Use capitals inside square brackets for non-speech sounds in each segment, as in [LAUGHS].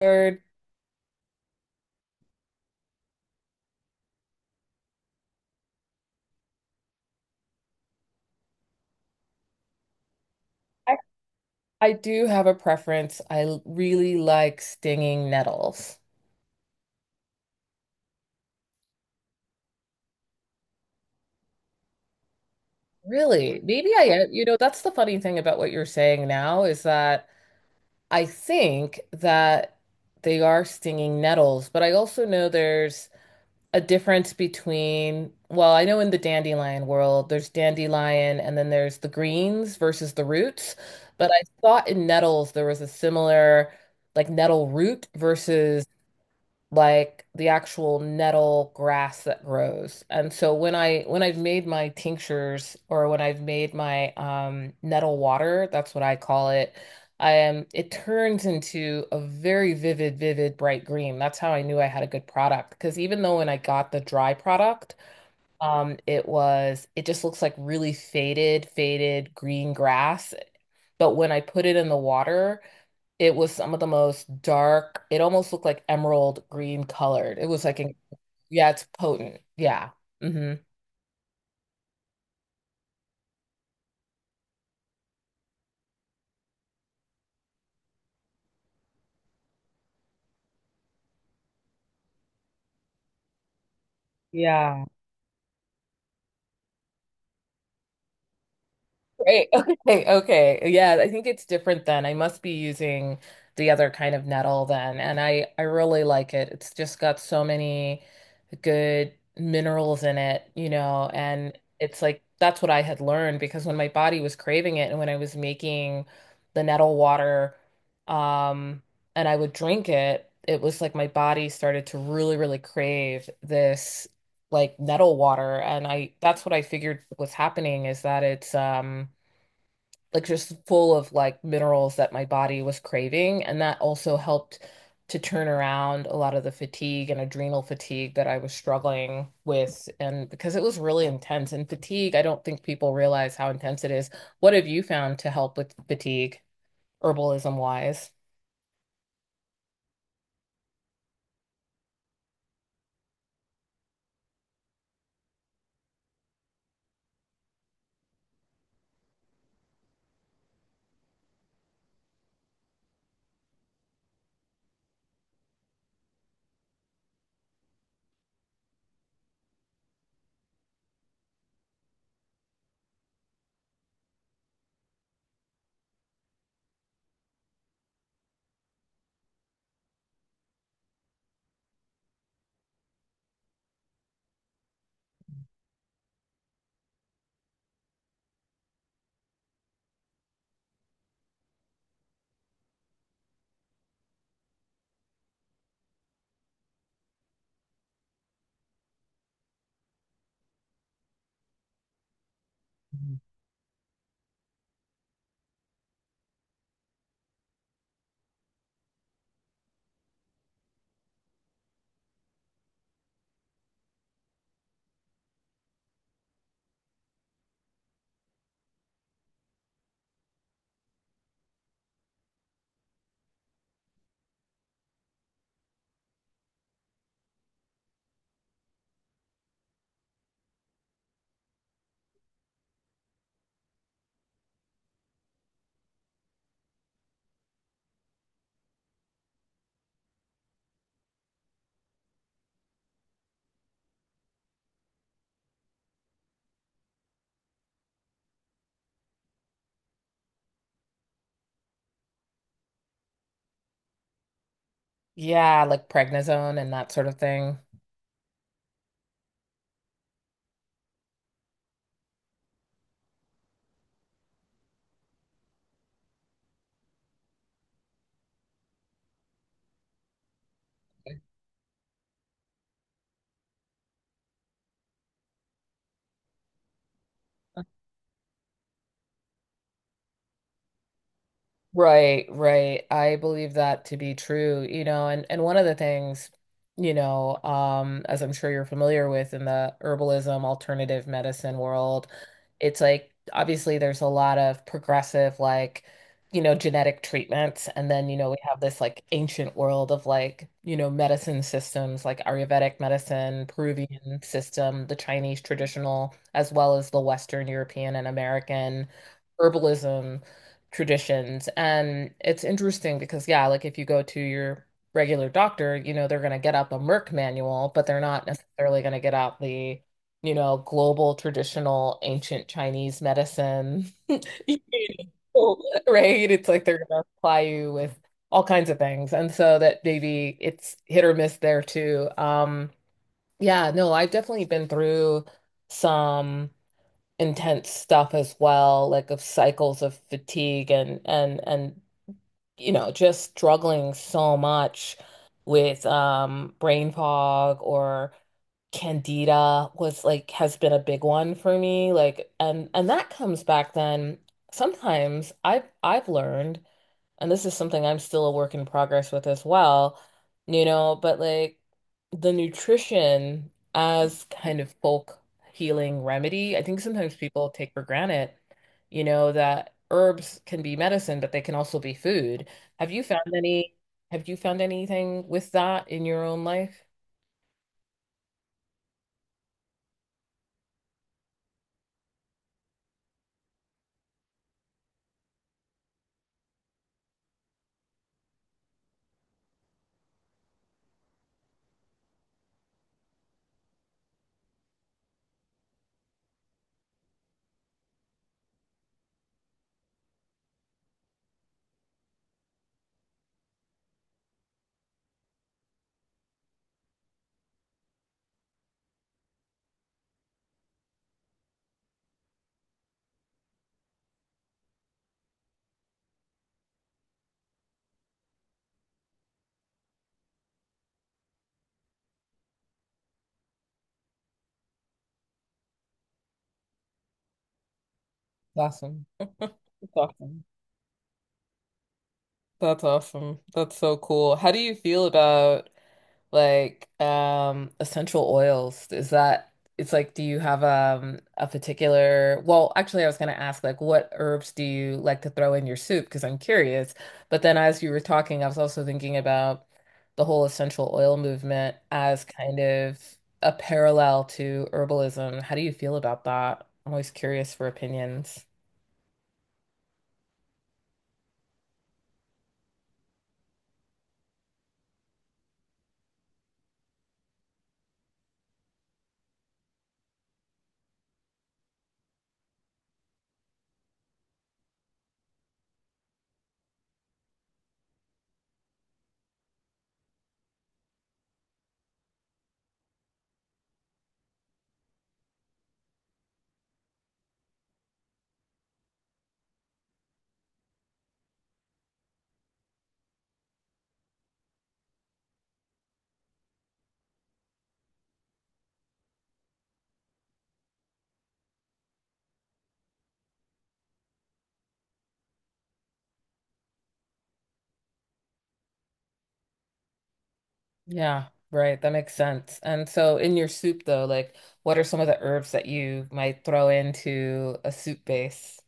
Third, I, I do have a preference. I really like stinging nettles. Really? Maybe I am. You know, that's the funny thing about what you're saying now is that I think that they are stinging nettles, but I also know there's a difference between, well, I know in the dandelion world, there's dandelion and then there's the greens versus the roots. But I thought in nettles there was a similar, like nettle root versus like the actual nettle grass that grows. And so when I when I've made my tinctures or when I've made my nettle water, that's what I call it, I am it turns into a very vivid, vivid bright green. That's how I knew I had a good product because even though when I got the dry product, it was, it just looks like really faded, faded green grass. But when I put it in the water, it was some of the most dark. It almost looked like emerald green colored. It was like, yeah, it's potent. Yeah. Hmm. Yeah. Right. [LAUGHS] Okay. Okay. Yeah, I think it's different then. I must be using the other kind of nettle then, and I really like it. It's just got so many good minerals in it, you know, and it's like that's what I had learned because when my body was craving it and when I was making the nettle water, um, and I would drink it, it was like my body started to really, really crave this like nettle water, and I that's what I figured was happening, is that it's like just full of like minerals that my body was craving. And that also helped to turn around a lot of the fatigue and adrenal fatigue that I was struggling with. And because it was really intense and fatigue, I don't think people realize how intense it is. What have you found to help with fatigue, herbalism wise? Mhm. Yeah, like prednisone and that sort of thing. Right, right. I believe that to be true, you know, and one of the things, as I'm sure you're familiar with in the herbalism alternative medicine world, it's like obviously there's a lot of progressive, like, you know, genetic treatments, and then, you know, we have this like ancient world of like, you know, medicine systems like Ayurvedic medicine, Peruvian system, the Chinese traditional, as well as the Western European and American herbalism traditions. And it's interesting because, yeah, like if you go to your regular doctor, you know, they're going to get out the Merck manual, but they're not necessarily going to get out the, you know, global traditional ancient Chinese medicine. [LAUGHS] You know, right? It's like they're going to apply you with all kinds of things. And so that maybe it's hit or miss there too. Yeah, no, I've definitely been through some intense stuff as well, like of cycles of fatigue and you know, just struggling so much with brain fog, or Candida was like has been a big one for me, like, and that comes back then sometimes. I've learned, and this is something I'm still a work in progress with as well, you know, but like the nutrition as kind of folk healing remedy, I think sometimes people take for granted, you know, that herbs can be medicine, but they can also be food. Have you found any, have you found anything with that in your own life? Awesome. That's awesome. That's awesome. That's so cool. How do you feel about, like, essential oils. Is that it's like do you have a particular, well, actually I was gonna ask, like, what herbs do you like to throw in your soup? Because I'm curious. But then as you were talking, I was also thinking about the whole essential oil movement as kind of a parallel to herbalism. How do you feel about that? I'm always curious for opinions. Yeah, right. That makes sense. And so in your soup though, like, what are some of the herbs that you might throw into a soup base?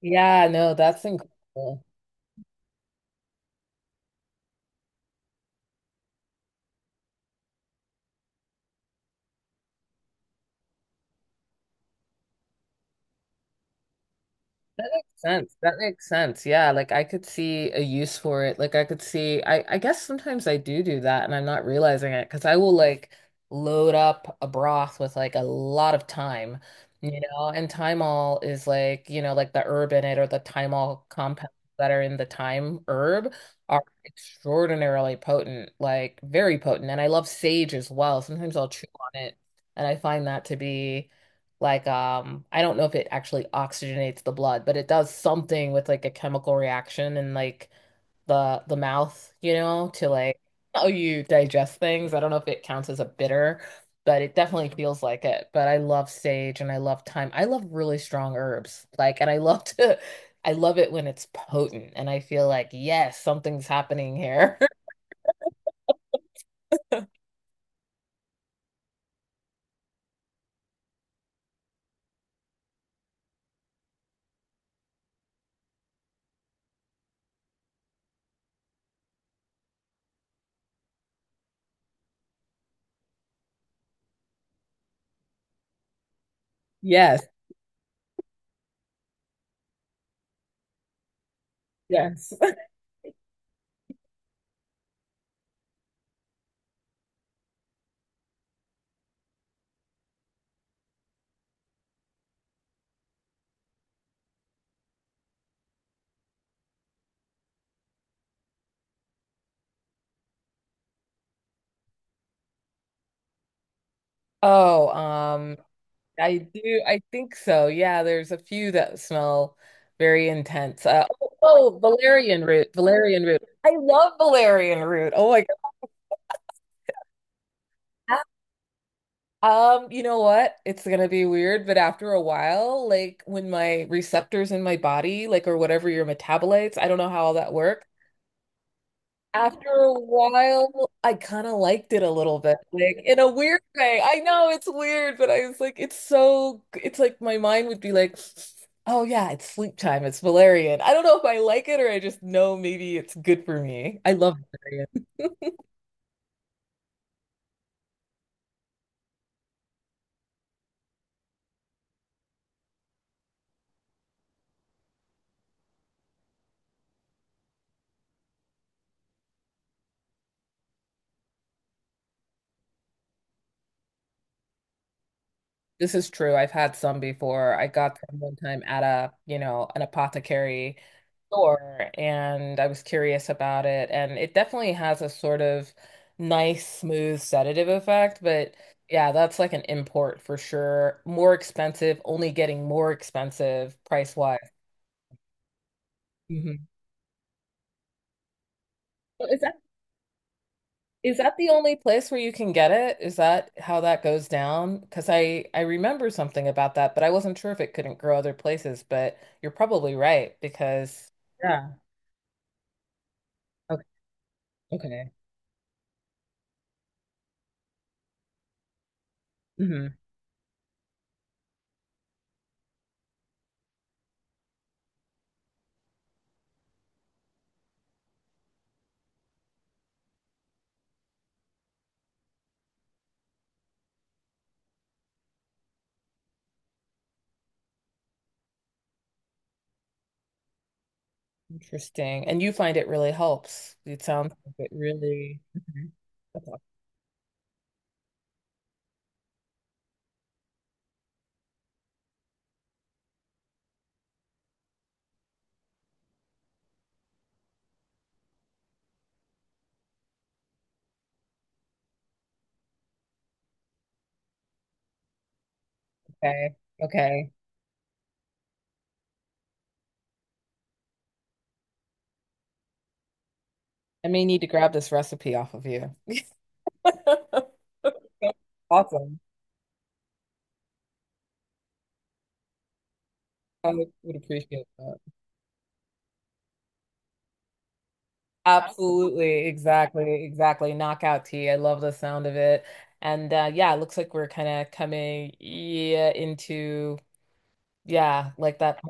Yeah, no, that's incredible. Sense. That makes sense. Yeah, like I could see a use for it. Like I could see, I guess sometimes I do do that and I'm not realizing it because I will like load up a broth with like a lot of thyme, you know, and thymol is like, you know, like the herb in it, or the thymol compounds that are in the thyme herb are extraordinarily potent, like very potent. And I love sage as well. Sometimes I'll chew on it and I find that to be like, I don't know if it actually oxygenates the blood, but it does something with like a chemical reaction in like the mouth, you know, to like how you digest things. I don't know if it counts as a bitter, but it definitely feels like it. But I love sage and I love thyme. I love really strong herbs. Like, and I love to [LAUGHS] I love it when it's potent and I feel like yes, something's happening here. [LAUGHS] Yes, yes. Oh, I do. I think so. Yeah, there's a few that smell very intense. Oh, oh, valerian root, valerian root. I love valerian root. Oh my God. You know what? It's gonna be weird, but after a while, like when my receptors in my body, like, or whatever, your metabolites, I don't know how all that works. After a while, I kind of liked it a little bit, like in a weird way. I know it's weird, but I was like, it's so, it's like my mind would be like, oh yeah, it's sleep time, it's valerian. I don't know if I like it or I just know maybe it's good for me. I love valerian. [LAUGHS] This is true. I've had some before. I got them one time at a, you know, an apothecary store, and I was curious about it. And it definitely has a sort of nice, smooth sedative effect. But yeah, that's like an import for sure. More expensive, only getting more expensive price-wise. Hmm. Is that the only place where you can get it? Is that how that goes down? Because I remember something about that, but I wasn't sure if it couldn't grow other places. But you're probably right because, yeah. Okay, okay. Hmm. Interesting. And you find it really helps. It sounds like it really. Mhm. That's okay. Okay. I may need to grab this recipe off of you. [LAUGHS] Awesome. I would appreciate that. Absolutely, exactly, exactly. Knockout tea. I love the sound of it. And yeah, it looks like we're kind of coming, yeah, into, yeah, like that.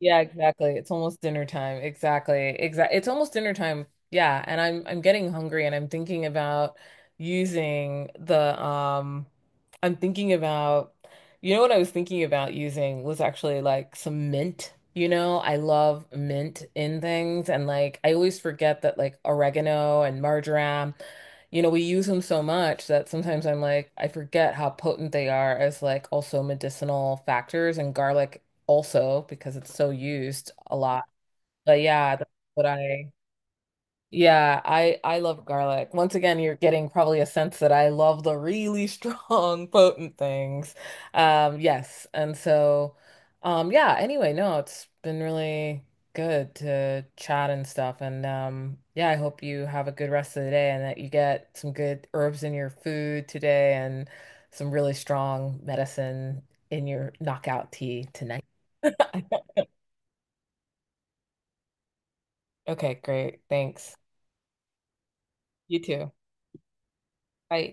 Yeah, exactly. It's almost dinner time. Exactly. Exactly. It's almost dinner time. Yeah, and I'm getting hungry and I'm thinking about using the I'm thinking about, you know what I was thinking about using was actually like some mint. You know, I love mint in things and like I always forget that like oregano and marjoram, you know, we use them so much that sometimes I'm like I forget how potent they are as like also medicinal factors, and garlic also because it's so used a lot. But yeah, that's what I, yeah, I love garlic. Once again, you're getting probably a sense that I love the really strong, [LAUGHS] potent things. Yes. And so, yeah, anyway, no, it's been really good to chat and stuff. And yeah, I hope you have a good rest of the day and that you get some good herbs in your food today and some really strong medicine in your knockout tea tonight. [LAUGHS] Okay, great. Thanks. You too. Bye.